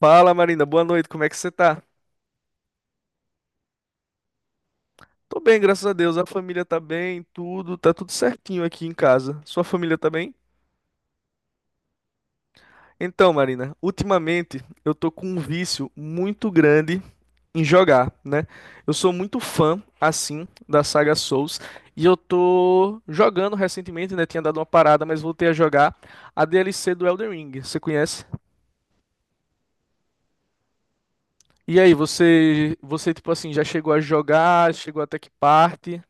Fala, Marina, boa noite, como é que você tá? Tô bem, graças a Deus, a família tá bem, tudo, tá tudo certinho aqui em casa. Sua família tá bem? Então, Marina, ultimamente eu tô com um vício muito grande em jogar, né? Eu sou muito fã, assim, da saga Souls e eu tô jogando recentemente, né? Tinha dado uma parada, mas voltei a jogar a DLC do Elden Ring, você conhece? E aí, você, tipo assim, já chegou a jogar? Chegou até que parte?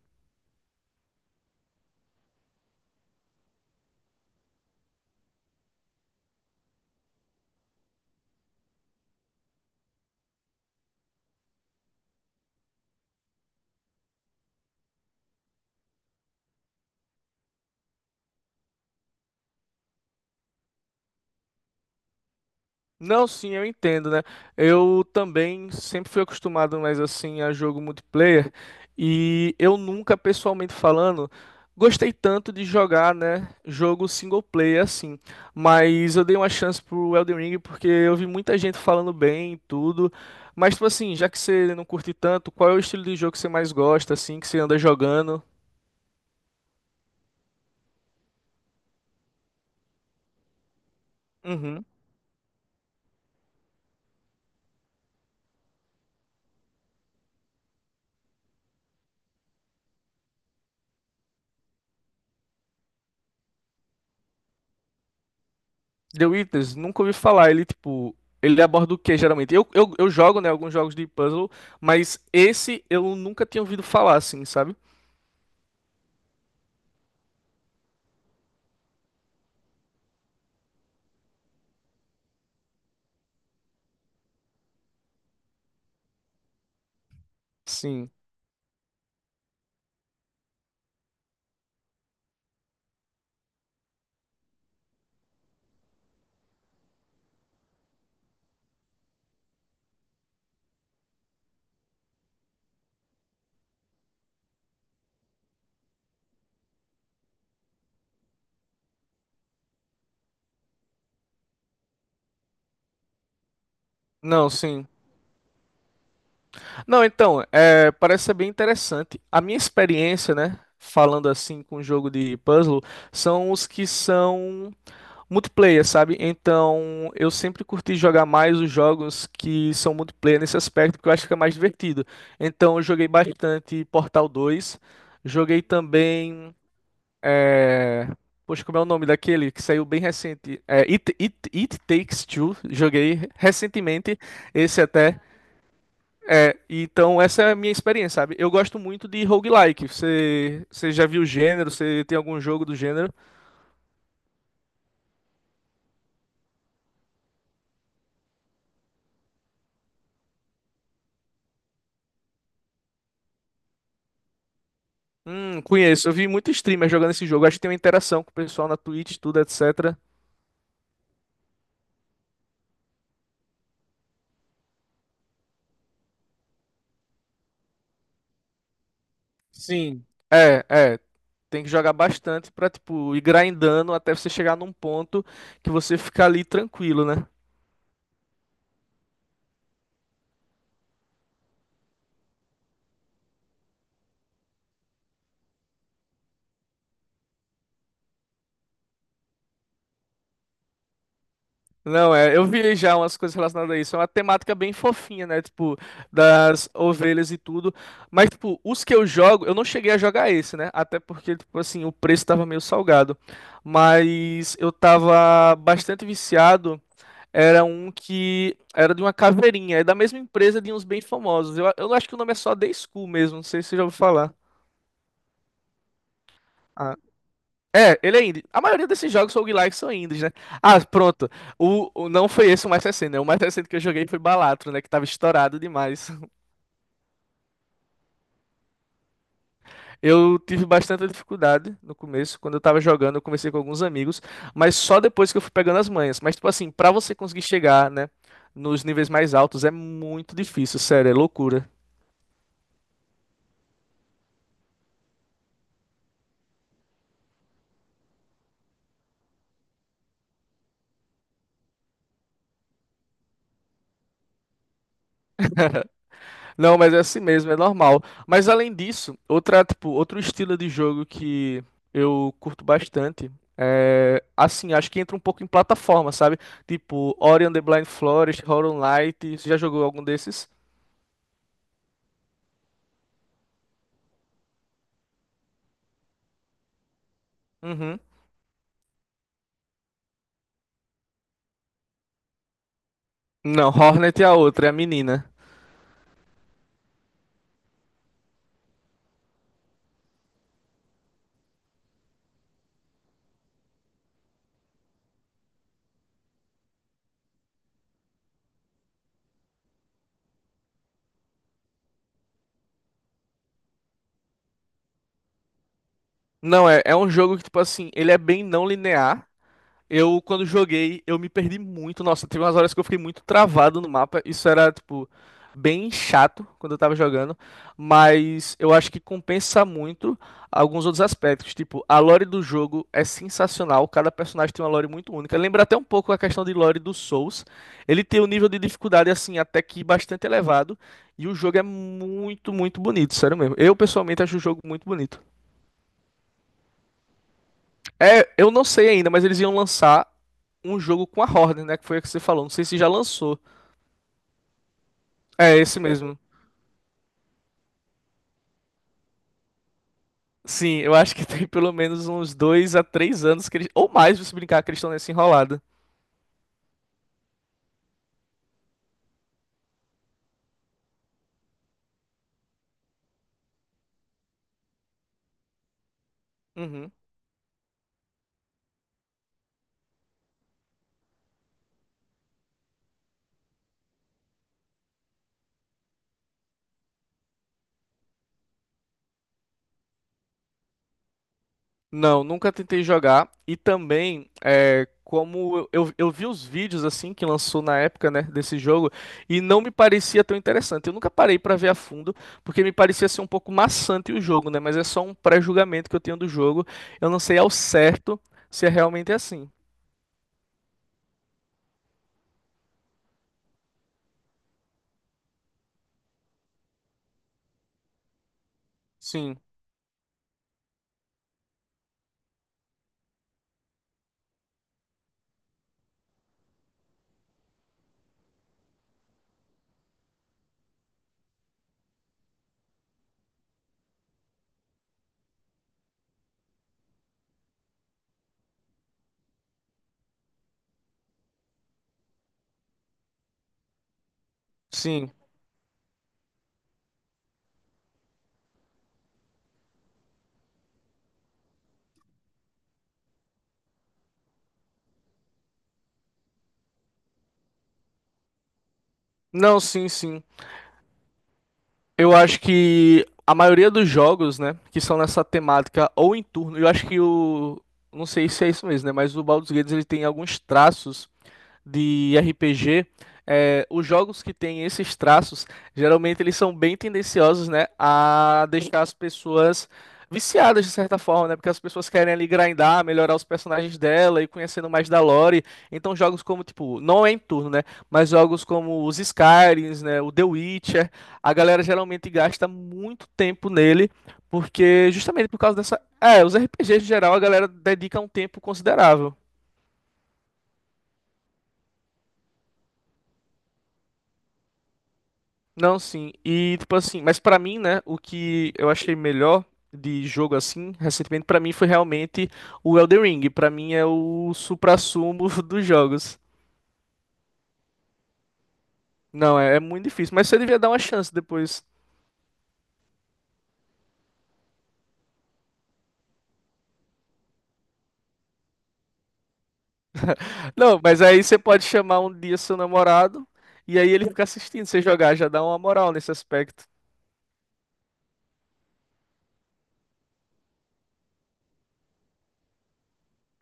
Não, sim, eu entendo, né? Eu também sempre fui acostumado mais assim a jogo multiplayer e eu nunca, pessoalmente falando, gostei tanto de jogar, né, jogo single player assim. Mas eu dei uma chance pro Elden Ring porque eu vi muita gente falando bem e tudo. Mas tipo assim, já que você não curte tanto, qual é o estilo de jogo que você mais gosta assim, que você anda jogando? Uhum. The Witness, nunca ouvi falar. Ele, tipo, ele aborda o que geralmente? Eu jogo, né, alguns jogos de puzzle, mas esse eu nunca tinha ouvido falar, assim, sabe? Sim. Não, sim. Não, então, parece ser bem interessante. A minha experiência, né, falando assim com jogo de puzzle, são os que são multiplayer, sabe? Então, eu sempre curti jogar mais os jogos que são multiplayer nesse aspecto, porque eu acho que é mais divertido. Então, eu joguei bastante Portal 2, joguei também, é... poxa, como é o nome daquele que saiu bem recente? É, It Takes Two, joguei recentemente, esse até. É, então essa é a minha experiência, sabe? Eu gosto muito de roguelike. Você já viu o gênero? Você tem algum jogo do gênero? Conheço. Eu vi muito streamer jogando esse jogo. Acho que tem uma interação com o pessoal na Twitch, tudo, etc. Sim. É, é. Tem que jogar bastante pra, tipo, ir grindando até você chegar num ponto que você fica ali tranquilo, né? Não, eu vi já umas coisas relacionadas a isso. É uma temática bem fofinha, né? Tipo, das ovelhas e tudo. Mas, tipo, os que eu jogo, eu não cheguei a jogar esse, né? Até porque, tipo assim, o preço tava meio salgado. Mas eu tava bastante viciado. Era um que era de uma caveirinha. É da mesma empresa de uns bem famosos. Eu acho que o nome é só The School mesmo. Não sei se você já ouviu falar. É, ele é indie. A maioria desses jogos roguelike são indies, né? Ah, pronto. Não foi esse o mais recente, né? O mais recente que eu joguei foi Balatro, né? Que tava estourado demais. Eu tive bastante dificuldade no começo. Quando eu tava jogando, eu comecei com alguns amigos, mas só depois que eu fui pegando as manhas. Mas, tipo assim, pra você conseguir chegar, né? Nos níveis mais altos é muito difícil, sério, é loucura. Não, mas é assim mesmo, é normal. Mas além disso, tipo, outro estilo de jogo que eu curto bastante é assim, acho que entra um pouco em plataforma, sabe? Tipo, Ori and the Blind Forest, Hollow Knight, você já jogou algum desses? Uhum. Não, Hornet é a outra, é a menina. Não, é um jogo que, tipo assim, ele é bem não linear. Eu, quando joguei, eu me perdi muito. Nossa, teve umas horas que eu fiquei muito travado no mapa. Isso era, tipo, bem chato quando eu tava jogando. Mas eu acho que compensa muito alguns outros aspectos. Tipo, a lore do jogo é sensacional. Cada personagem tem uma lore muito única. Lembra até um pouco a questão de lore do Souls. Ele tem um nível de dificuldade, assim, até que bastante elevado. E o jogo é muito, muito bonito, sério mesmo. Eu, pessoalmente, acho o jogo muito bonito. É, eu não sei ainda, mas eles iam lançar um jogo com a Horde, né? Que foi o que você falou. Não sei se já lançou. É, esse mesmo. Sim, eu acho que tem pelo menos uns dois a três anos que eles. Ou mais, se brincar, que eles estão nessa enrolada. Uhum. Não, nunca tentei jogar. E também, como eu vi os vídeos assim que lançou na época, né, desse jogo, e não me parecia tão interessante. Eu nunca parei pra ver a fundo, porque me parecia ser um pouco maçante o jogo, né? Mas é só um pré-julgamento que eu tenho do jogo. Eu não sei ao certo se é realmente assim. Sim, sim. Não, sim, sim. Eu acho que a maioria dos jogos, né, que são nessa temática ou em turno, eu acho que o. Não sei se é isso mesmo, né? Mas o Baldur's Gate ele tem alguns traços de RPG, os jogos que têm esses traços, geralmente eles são bem tendenciosos, né, a deixar as pessoas viciadas de certa forma, né? Porque as pessoas querem ali grindar, melhorar os personagens dela e conhecendo mais da lore. Então jogos como tipo, não é em turno, né? Mas jogos como os Skyrims, né, o The Witcher, a galera geralmente gasta muito tempo nele, porque justamente por causa dessa, os RPGs em geral a galera dedica um tempo considerável. Não, sim. E tipo assim, mas pra mim, né, o que eu achei melhor de jogo assim, recentemente pra mim foi realmente o Elden Ring. Pra mim é o suprassumo dos jogos. Não, é muito difícil, mas você devia dar uma chance depois. Não, mas aí você pode chamar um dia seu namorado e aí ele fica assistindo você jogar, já dá uma moral nesse aspecto.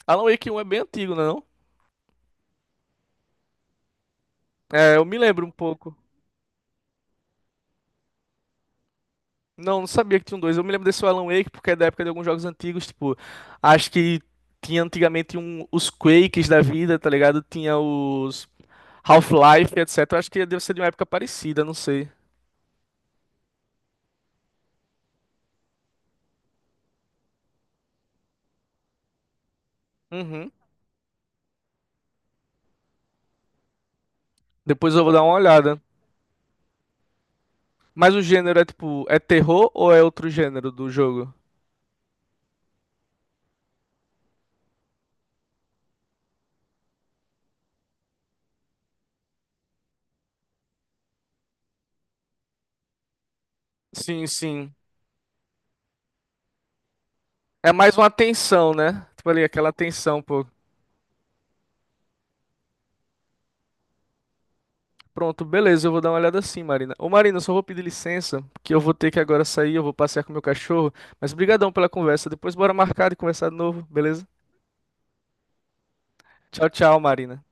Alan Wake um é bem antigo, não? é não? É, eu me lembro um pouco. Não, não sabia que tinha um dois. Eu me lembro desse Alan Wake porque é da época de alguns jogos antigos, tipo, acho que tinha antigamente um, os Quakes da vida, tá ligado? Tinha os Half-Life, etc. Acho que deve ser de uma época parecida, não sei. Uhum. Depois eu vou dar uma olhada. Mas o gênero é tipo, terror ou é outro gênero do jogo? Sim, sim. É mais uma tensão, né? Tipo ali, aquela tensão, pô. Pronto, beleza, eu vou dar uma olhada sim, Marina. Ô, Marina, eu só vou pedir licença, porque eu vou ter que agora sair, eu vou passear com meu cachorro, mas brigadão pela conversa. Depois bora marcar e conversar de novo, beleza? Tchau, tchau, Marina.